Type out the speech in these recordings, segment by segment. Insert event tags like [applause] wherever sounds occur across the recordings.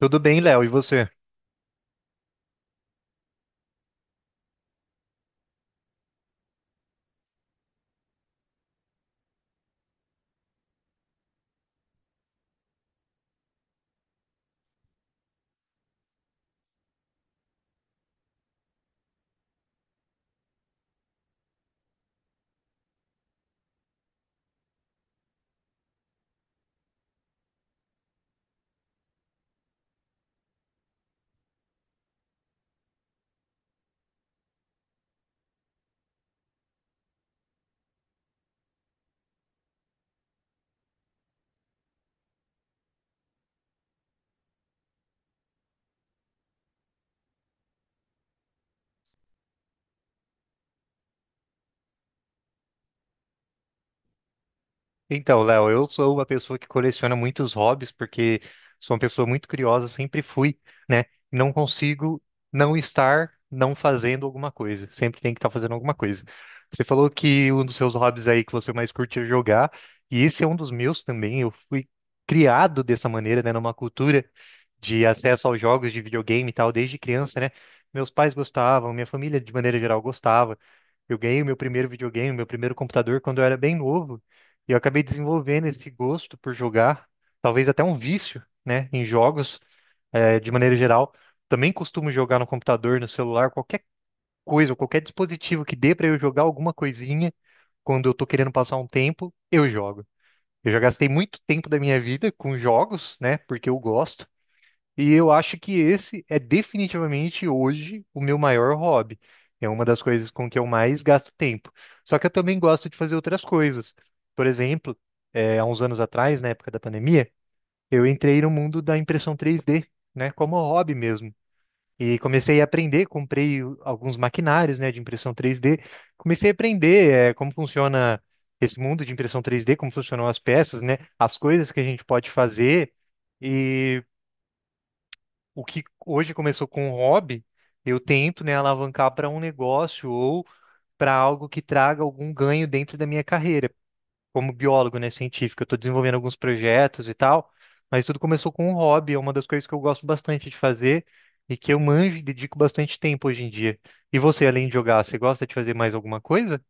Tudo bem, Léo, e você? Então, Léo, eu sou uma pessoa que coleciona muitos hobbies porque sou uma pessoa muito curiosa, sempre fui, né? Não consigo não estar não fazendo alguma coisa. Sempre tem que estar fazendo alguma coisa. Você falou que um dos seus hobbies aí que você mais curte é jogar, e esse é um dos meus também. Eu fui criado dessa maneira, né? Numa cultura de acesso aos jogos de videogame e tal, desde criança, né? Meus pais gostavam, minha família de maneira geral gostava. Eu ganhei o meu primeiro videogame, meu primeiro computador quando eu era bem novo. E eu acabei desenvolvendo esse gosto por jogar, talvez até um vício, né, em jogos, de maneira geral. Também costumo jogar no computador, no celular, qualquer coisa, qualquer dispositivo que dê para eu jogar alguma coisinha quando eu tô querendo passar um tempo, eu jogo. Eu já gastei muito tempo da minha vida com jogos, né, porque eu gosto. E eu acho que esse é definitivamente hoje o meu maior hobby. É uma das coisas com que eu mais gasto tempo. Só que eu também gosto de fazer outras coisas. Por exemplo, há uns anos atrás, na época da pandemia, eu entrei no mundo da impressão 3D, né, como hobby mesmo. E comecei a aprender, comprei alguns maquinários, né, de impressão 3D. Comecei a aprender, como funciona esse mundo de impressão 3D, como funcionam as peças, né, as coisas que a gente pode fazer o que hoje começou com um hobby, eu tento, né, alavancar para um negócio ou para algo que traga algum ganho dentro da minha carreira. Como biólogo, né, científico, eu estou desenvolvendo alguns projetos e tal, mas tudo começou com um hobby, é uma das coisas que eu gosto bastante de fazer e que eu manjo e dedico bastante tempo hoje em dia. E você, além de jogar, você gosta de fazer mais alguma coisa?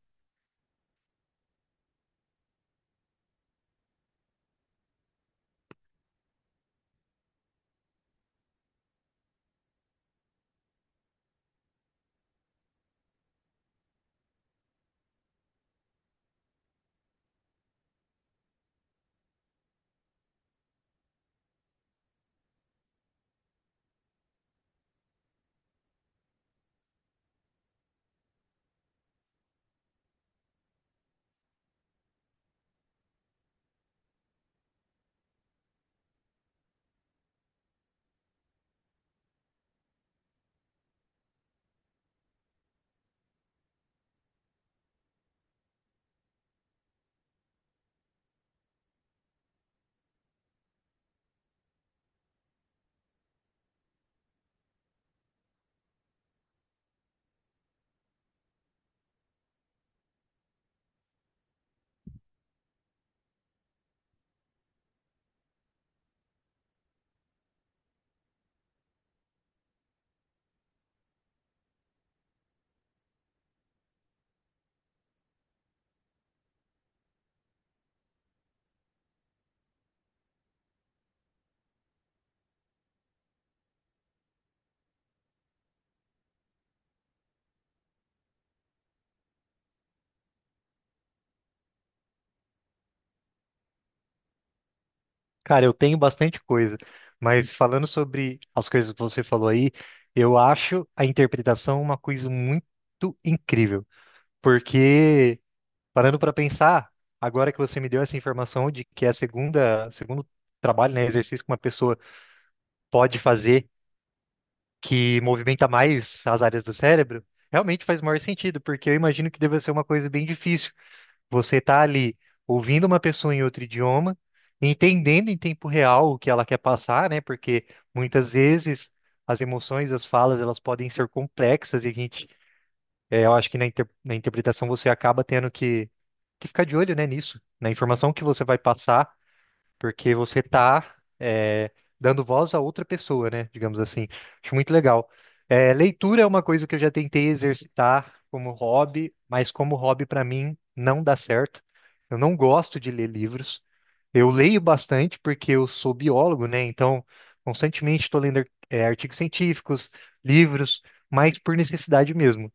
Cara, eu tenho bastante coisa, mas falando sobre as coisas que você falou aí, eu acho a interpretação uma coisa muito incrível. Porque, parando para pensar, agora que você me deu essa informação de que é a segunda, segundo trabalho, né, exercício que uma pessoa pode fazer que movimenta mais as áreas do cérebro, realmente faz maior sentido, porque eu imagino que deva ser uma coisa bem difícil. Você tá ali ouvindo uma pessoa em outro idioma, entendendo em tempo real o que ela quer passar, né? Porque muitas vezes as emoções, as falas, elas podem ser complexas e a gente eu acho que na interpretação você acaba tendo que ficar de olho, né, nisso, na informação que você vai passar, porque você está dando voz a outra pessoa, né, digamos assim. Acho muito legal. É, leitura é uma coisa que eu já tentei exercitar como hobby, mas como hobby para mim não dá certo. Eu não gosto de ler livros. Eu leio bastante porque eu sou biólogo, né? Então, constantemente estou lendo, artigos científicos, livros, mas por necessidade mesmo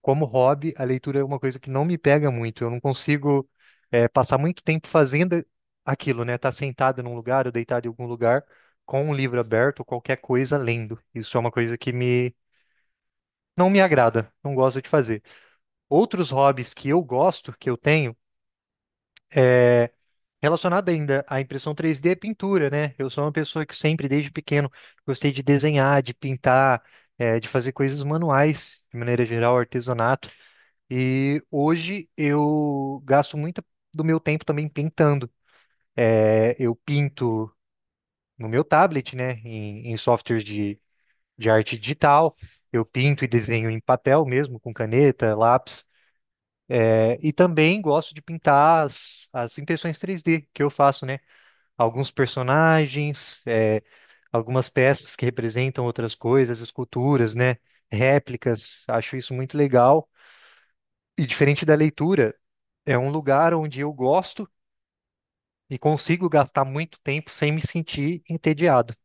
como hobby, a leitura é uma coisa que não me pega muito. Eu não consigo passar muito tempo fazendo aquilo, né? Estar sentado num lugar ou deitado em algum lugar com um livro aberto, qualquer coisa lendo. Isso é uma coisa que me não me agrada, não gosto de fazer. Outros hobbies que eu gosto, que eu tenho, é relacionado ainda à impressão 3D, é pintura, né? Eu sou uma pessoa que sempre, desde pequeno, gostei de desenhar, de pintar, de fazer coisas manuais, de maneira geral, artesanato. E hoje eu gasto muito do meu tempo também pintando. É, eu pinto no meu tablet, né, em softwares de arte digital. Eu pinto e desenho em papel mesmo, com caneta, lápis. É, e também gosto de pintar as impressões 3D que eu faço, né? Alguns personagens, algumas peças que representam outras coisas, esculturas, né? Réplicas. Acho isso muito legal. E diferente da leitura, é um lugar onde eu gosto e consigo gastar muito tempo sem me sentir entediado.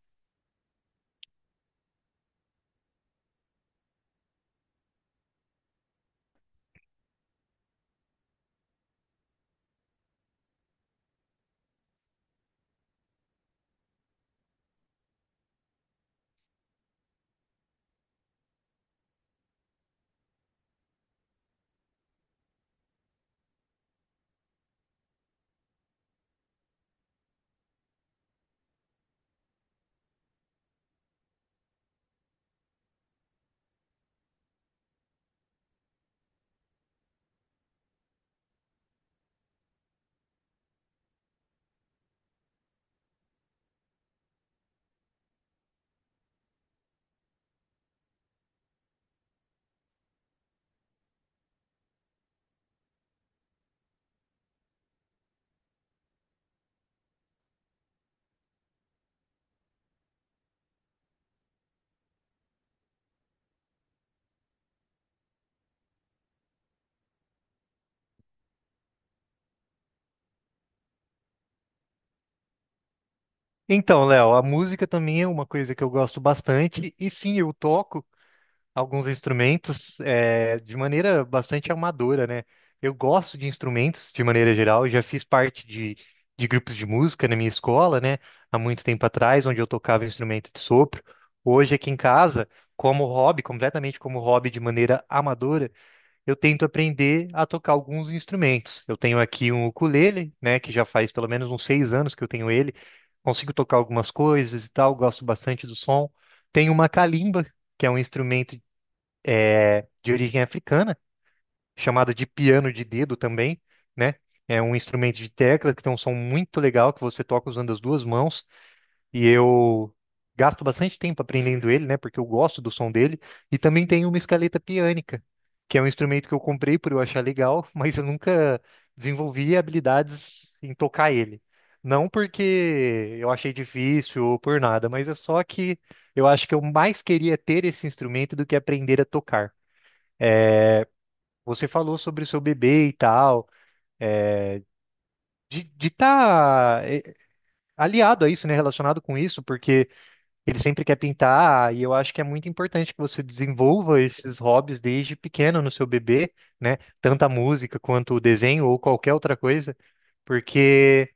Então, Léo, a música também é uma coisa que eu gosto bastante, e sim, eu toco alguns instrumentos de maneira bastante amadora, né? Eu gosto de instrumentos de maneira geral, eu já fiz parte de grupos de música na minha escola, né? Há muito tempo atrás, onde eu tocava instrumento de sopro. Hoje, aqui em casa, como hobby, completamente como hobby de maneira amadora. Eu tento aprender a tocar alguns instrumentos. Eu tenho aqui um ukulele, né, que já faz pelo menos uns 6 anos que eu tenho ele. Consigo tocar algumas coisas e tal, gosto bastante do som. Tenho uma kalimba, que é um instrumento de origem africana, chamado de piano de dedo também, né? É um instrumento de tecla que tem um som muito legal que você toca usando as duas mãos e eu gasto bastante tempo aprendendo ele, né, porque eu gosto do som dele, e também tem uma escaleta piânica, que é um instrumento que eu comprei por eu achar legal, [laughs] mas eu nunca desenvolvi habilidades em tocar ele. Não porque eu achei difícil ou por nada, mas é só que eu acho que eu mais queria ter esse instrumento do que aprender a tocar. Você falou sobre o seu bebê e tal, de estar aliado a isso, né, relacionado com isso, porque ele sempre quer pintar, e eu acho que é muito importante que você desenvolva esses hobbies desde pequeno no seu bebê, né? Tanto a música quanto o desenho ou qualquer outra coisa, porque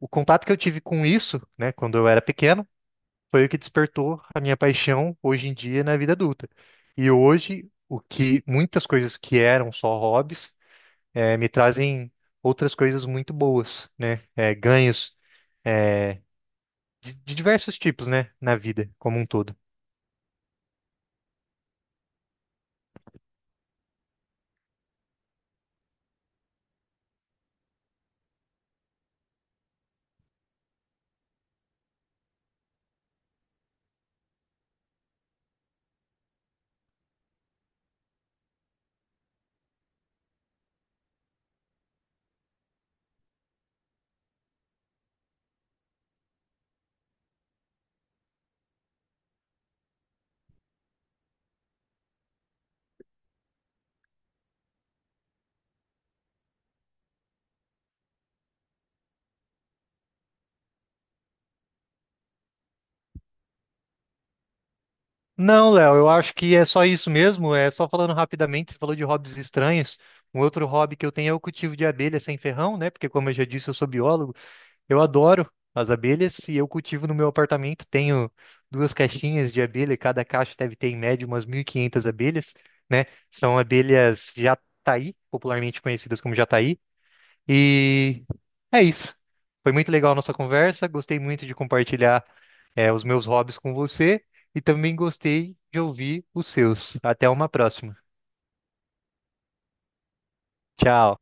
o contato que eu tive com isso, né, quando eu era pequeno, foi o que despertou a minha paixão hoje em dia na vida adulta. E hoje, o que muitas coisas que eram só hobbies, me trazem outras coisas muito boas, né? Ganhos, eh, de diversos tipos, né, na vida como um todo. Não, Léo, eu acho que é só isso mesmo. É só falando rapidamente, você falou de hobbies estranhos. Um outro hobby que eu tenho é o cultivo de abelhas sem ferrão, né? Porque, como eu já disse, eu sou biólogo. Eu adoro as abelhas e eu cultivo no meu apartamento. Tenho duas caixinhas de abelha e cada caixa deve ter, em média, umas 1.500 abelhas, né? São abelhas jataí, popularmente conhecidas como jataí. E é isso. Foi muito legal a nossa conversa. Gostei muito de compartilhar, os meus hobbies com você e também gostei de ouvir os seus. Até uma próxima. Tchau.